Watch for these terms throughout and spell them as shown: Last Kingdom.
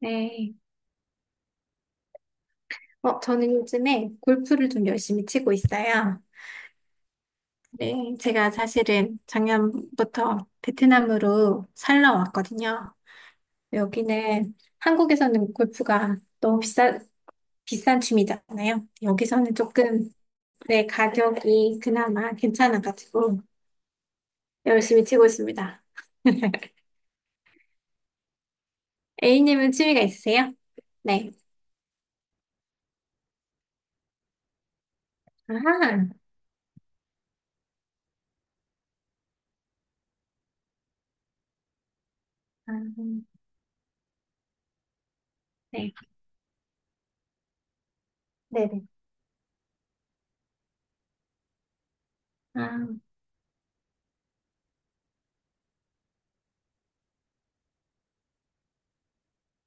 네. 저는 요즘에 골프를 좀 열심히 치고 있어요. 네. 제가 사실은 작년부터 베트남으로 살러 왔거든요. 여기는 한국에서는 골프가 너무 비싼 취미잖아요. 여기서는 조금, 네, 가격이 그나마 괜찮아가지고 열심히 치고 있습니다. A님은 취미가 있으세요? 네. 아하. 아, 네. 네네. 아,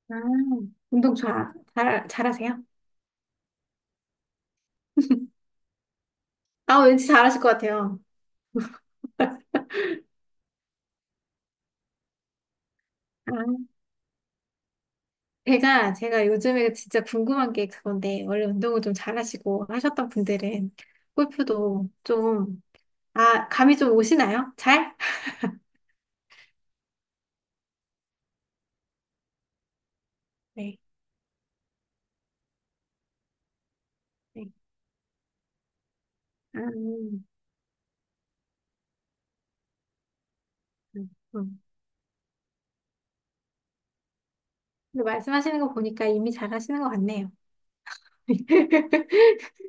아, 운동 잘하세요? 아, 왠지 잘하실 것 같아요. 아, 제가 요즘에 진짜 궁금한 게 그건데, 원래 운동을 좀 잘하시고 하셨던 분들은 골프도 좀, 아, 감이 좀 오시나요? 잘? 네. 네. 아, 음, 음, 음. 근데 말씀하시는 거 보니까 이미 잘하시는 것 같네요.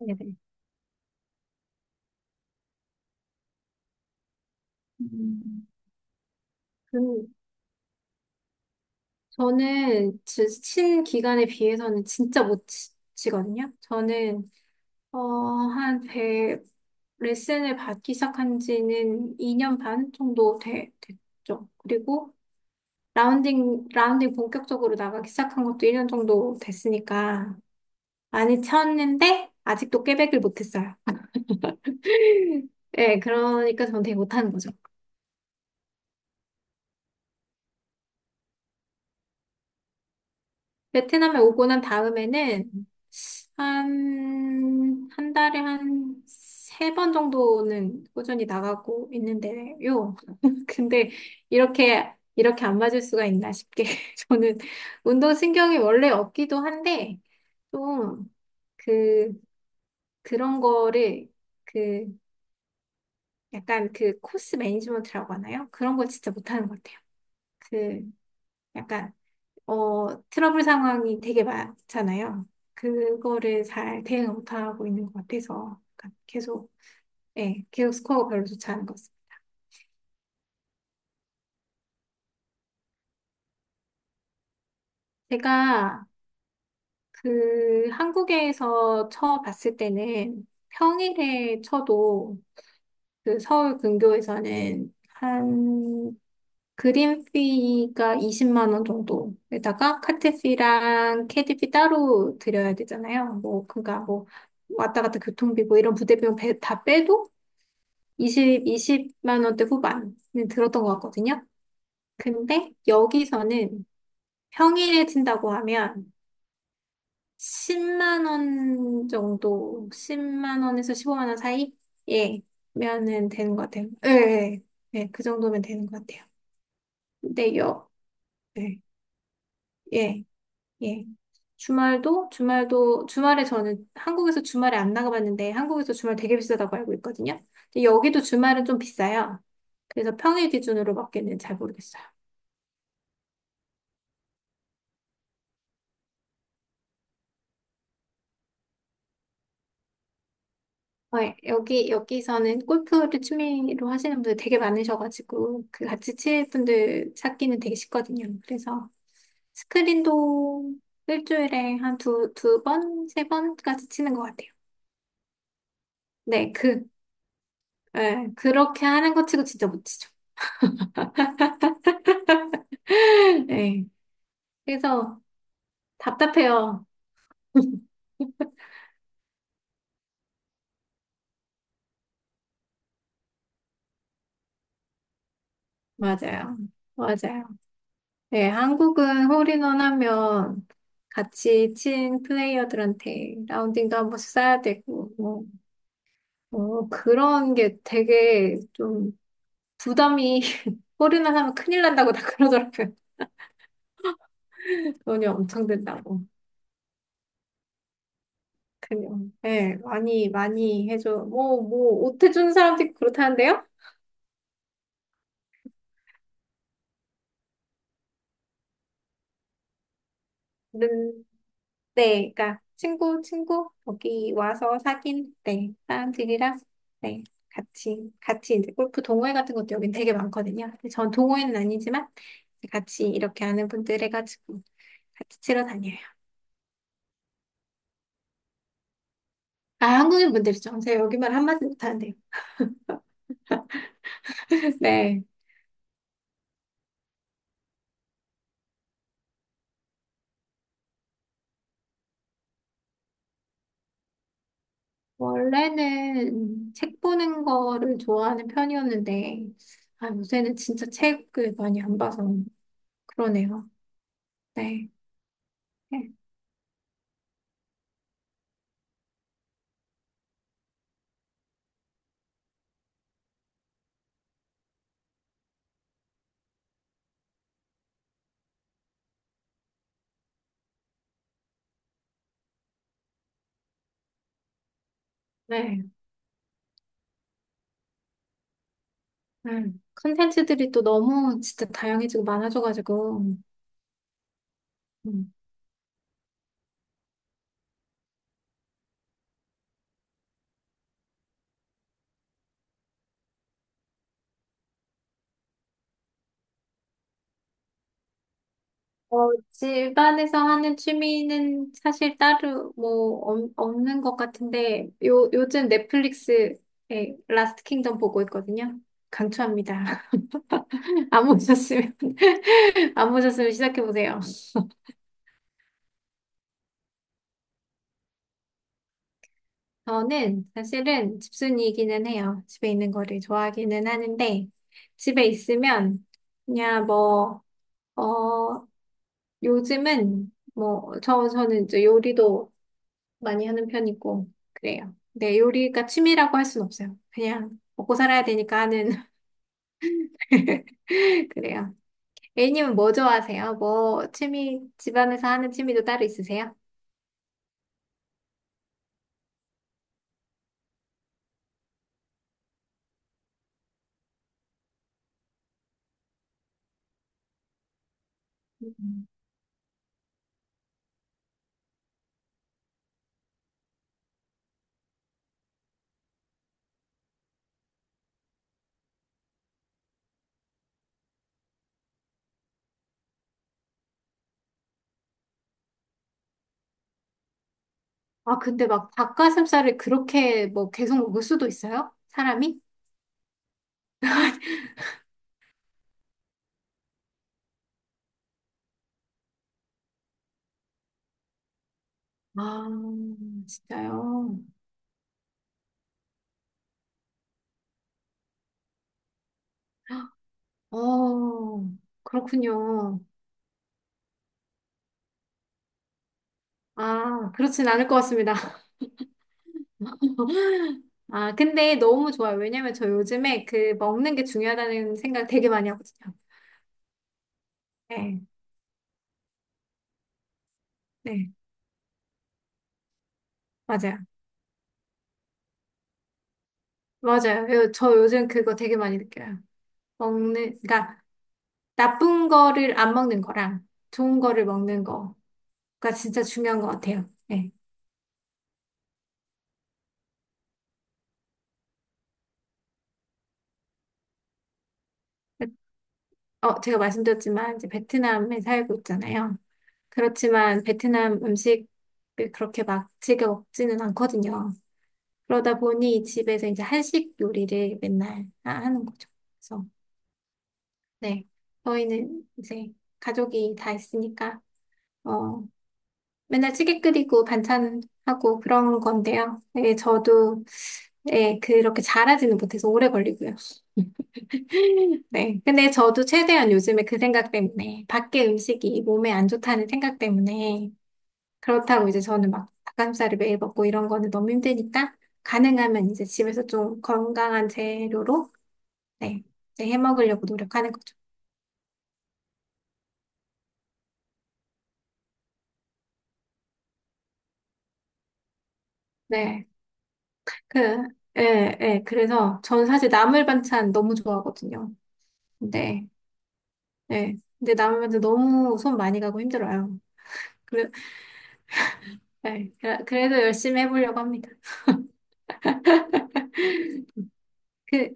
네네. 음, 그, 저는 친 기간에 비해서는 진짜 못 치거든요. 저는 한1 레슨을 받기 시작한 지는 2년 반 정도 됐죠. 그리고 라운딩 본격적으로 나가기 시작한 것도 1년 정도 됐으니까 많이 쳤는데 아직도 깨백을 못했어요. 네, 그러니까 전 되게 못하는 거죠. 베트남에 오고 난 다음에는 한 달에 한 세 번 정도는 꾸준히 나가고 있는데요. 근데 이렇게 안 맞을 수가 있나 싶게. 저는 운동신경이 원래 없기도 한데, 좀, 그, 그런 거를, 그, 약간 그 코스 매니지먼트라고 하나요? 그런 거 진짜 못하는 것 같아요. 그, 약간, 트러블 상황이 되게 많잖아요. 그거를 잘 대응 못하고 있는 것 같아서. 약간 계속 네, 기억 스코어가 별로 좋지 않은 것 같습니다. 제가 그 한국에서 쳐 봤을 때는 평일에 쳐도 그 서울 근교에서는 한 그린 피가 20만 원 정도에다가 카트 피랑 캐디 피 따로 드려야 되잖아요. 뭐 그러니까 뭐 왔다 갔다 교통비 뭐 이런 부대비용 다 빼도 20만 원대 후반은 들었던 것 같거든요. 근데 여기서는 평일에 친다고 하면 10만 원 정도, 10만 원에서 15만 원 사이? 예, 면은 되는 것 같아요. 예, 예, 예, 예, 그 정도면 되는 것 같아요. 근데 여, 예, 예, 예. 주말에 저는 한국에서 주말에 안 나가봤는데 한국에서 주말 되게 비싸다고 알고 있거든요. 근데 여기도 주말은 좀 비싸요. 그래서 평일 기준으로 먹기는 잘 모르겠어요. 어, 여기서는 골프를 취미로 하시는 분들 되게 많으셔가지고, 그 같이 칠 분들 찾기는 되게 쉽거든요. 그래서 스크린도 일주일에 한 두 번, 세 번까지 치는 것 같아요. 네, 그, 예, 그렇게 하는 것 치고 진짜 못 치죠. 네, 그래서 답답해요. 맞아요. 맞아요. 네, 한국은 홀인원 하면 같이 친 플레이어들한테 라운딩도 한 번씩 쏴야 되고, 뭐 그런 게 되게 좀 부담이 홀이나 하면 큰일 난다고 다 그러더라고요. 돈이 엄청 든다고. 그냥, 예, 많이, 많이 해줘. 뭐, 옷 해주는 사람도 있고 그렇다는데요? 는, 네, 그러니까, 친구, 여기 와서 사귄, 네, 사람들이랑, 네, 같이 이제 골프 동호회 같은 것도 여긴 되게 많거든요. 근데 전 동호회는 아니지만, 같이 이렇게 하는 분들 해가지고, 같이 치러 다녀요. 아, 한국인 분들이죠. 제가 여기만 한마디 못하는데. 네. 원래는 책 보는 거를 좋아하는 편이었는데, 아, 요새는 진짜 책을 많이 안 봐서 그러네요. 네. 네. 네. 네. 컨텐츠들이 또 너무 진짜 다양해지고 많아져가지고, 음. 어, 집안에서 하는 취미는 사실 따로 뭐 없는 것 같은데, 요즘 넷플릭스에 라스트 킹덤 보고 있거든요. 강추합니다. 안 보셨으면, 안 보셨으면 시작해보세요. 저는 사실은 집순이이기는 해요. 집에 있는 거를 좋아하기는 하는데, 집에 있으면 그냥 뭐, 어, 요즘은 뭐, 저는 이제 요리도 많이 하는 편이고, 그래요. 네, 요리가 취미라고 할 순 없어요. 그냥 먹고 살아야 되니까 하는, 그래요. A님은 뭐 좋아하세요? 뭐, 취미, 집안에서 하는 취미도 따로 있으세요? 음. 아, 근데 막 닭가슴살을 그렇게 뭐 계속 먹을 수도 있어요? 사람이? 아, 진짜요? 어, 그렇군요. 아, 그렇진 않을 것 같습니다. 아, 근데 너무 좋아요. 왜냐면 저 요즘에 그 먹는 게 중요하다는 생각 되게 많이 하거든요. 네, 네, 맞아요. 맞아요. 저 요즘 그거 되게 많이 느껴요. 먹는, 그러니까 나쁜 거를 안 먹는 거랑 좋은 거를 먹는 거가 진짜 중요한 것 같아요. 네. 어, 제가 말씀드렸지만 이제 베트남에 살고 있잖아요. 그렇지만 베트남 음식을 그렇게 막 즐겨 먹지는 않거든요. 그러다 보니 집에서 이제 한식 요리를 맨날 하는 거죠. 그래서, 네. 저희는 이제 가족이 다 있으니까, 어, 맨날 찌개 끓이고 반찬하고 그런 건데요. 네, 저도, 네, 그렇게 잘하지는 못해서 오래 걸리고요. 네. 근데 저도 최대한 요즘에 그 생각 때문에, 밖에 음식이 몸에 안 좋다는 생각 때문에, 그렇다고 이제 저는 막 닭가슴살을 매일 먹고 이런 거는 너무 힘드니까 가능하면 이제 집에서 좀 건강한 재료로 네, 이제 해 먹으려고 노력하는 거죠. 네. 그, 예, 예. 그래서 저는 사실 나물 반찬 너무 좋아하거든요. 근데, 예. 근데 나물 반찬 너무 손 많이 가고 힘들어요. 그래, 예. 그래도 열심히 해보려고 합니다. 그,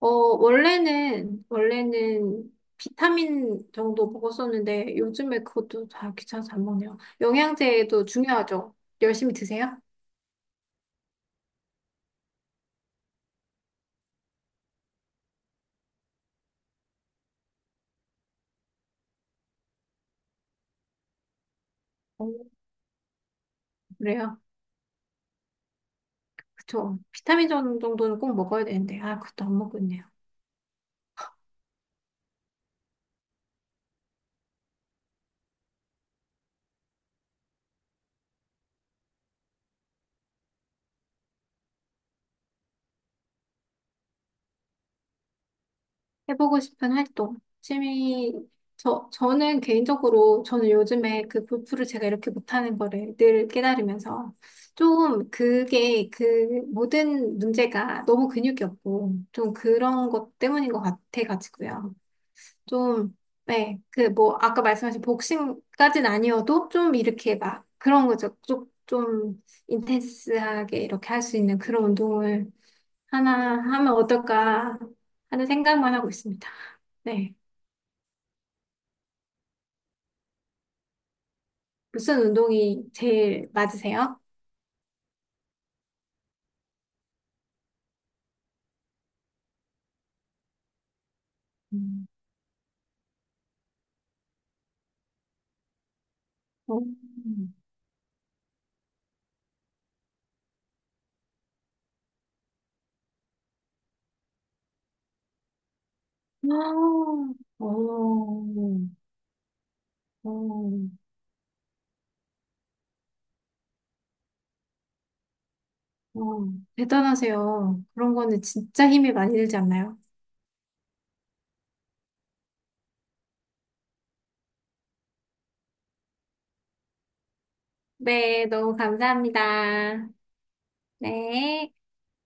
원래는 비타민 정도 먹었었는데 요즘에 그것도 다 귀찮아서 안 먹네요. 영양제도 중요하죠. 열심히 드세요. 어, 그래요. 그쵸. 비타민 정도는 꼭 먹어야 되는데, 아, 그것도 안 먹고 있네요. 해보고 싶은 활동. 취미, 저는 개인적으로, 저는 요즘에 그 골프를 제가 이렇게 못하는 거를 늘 깨달으면서, 좀 그게 그 모든 문제가 너무 근육이 없고, 좀 그런 것 때문인 것 같아가지고요. 좀, 네, 그 뭐, 아까 말씀하신 복싱까진 아니어도, 좀 이렇게 막, 그런 거죠. 인텐스하게 이렇게 할 수 있는 그런 운동을 하나 하면 어떨까 하는 생각만 하고 있습니다. 네. 무슨 운동이 제일 맞으세요? 음. 어, 아, 어, 어, 어. 대단하세요. 그런 거는 진짜 힘이 많이 들지 않나요? 네, 너무 감사합니다. 네.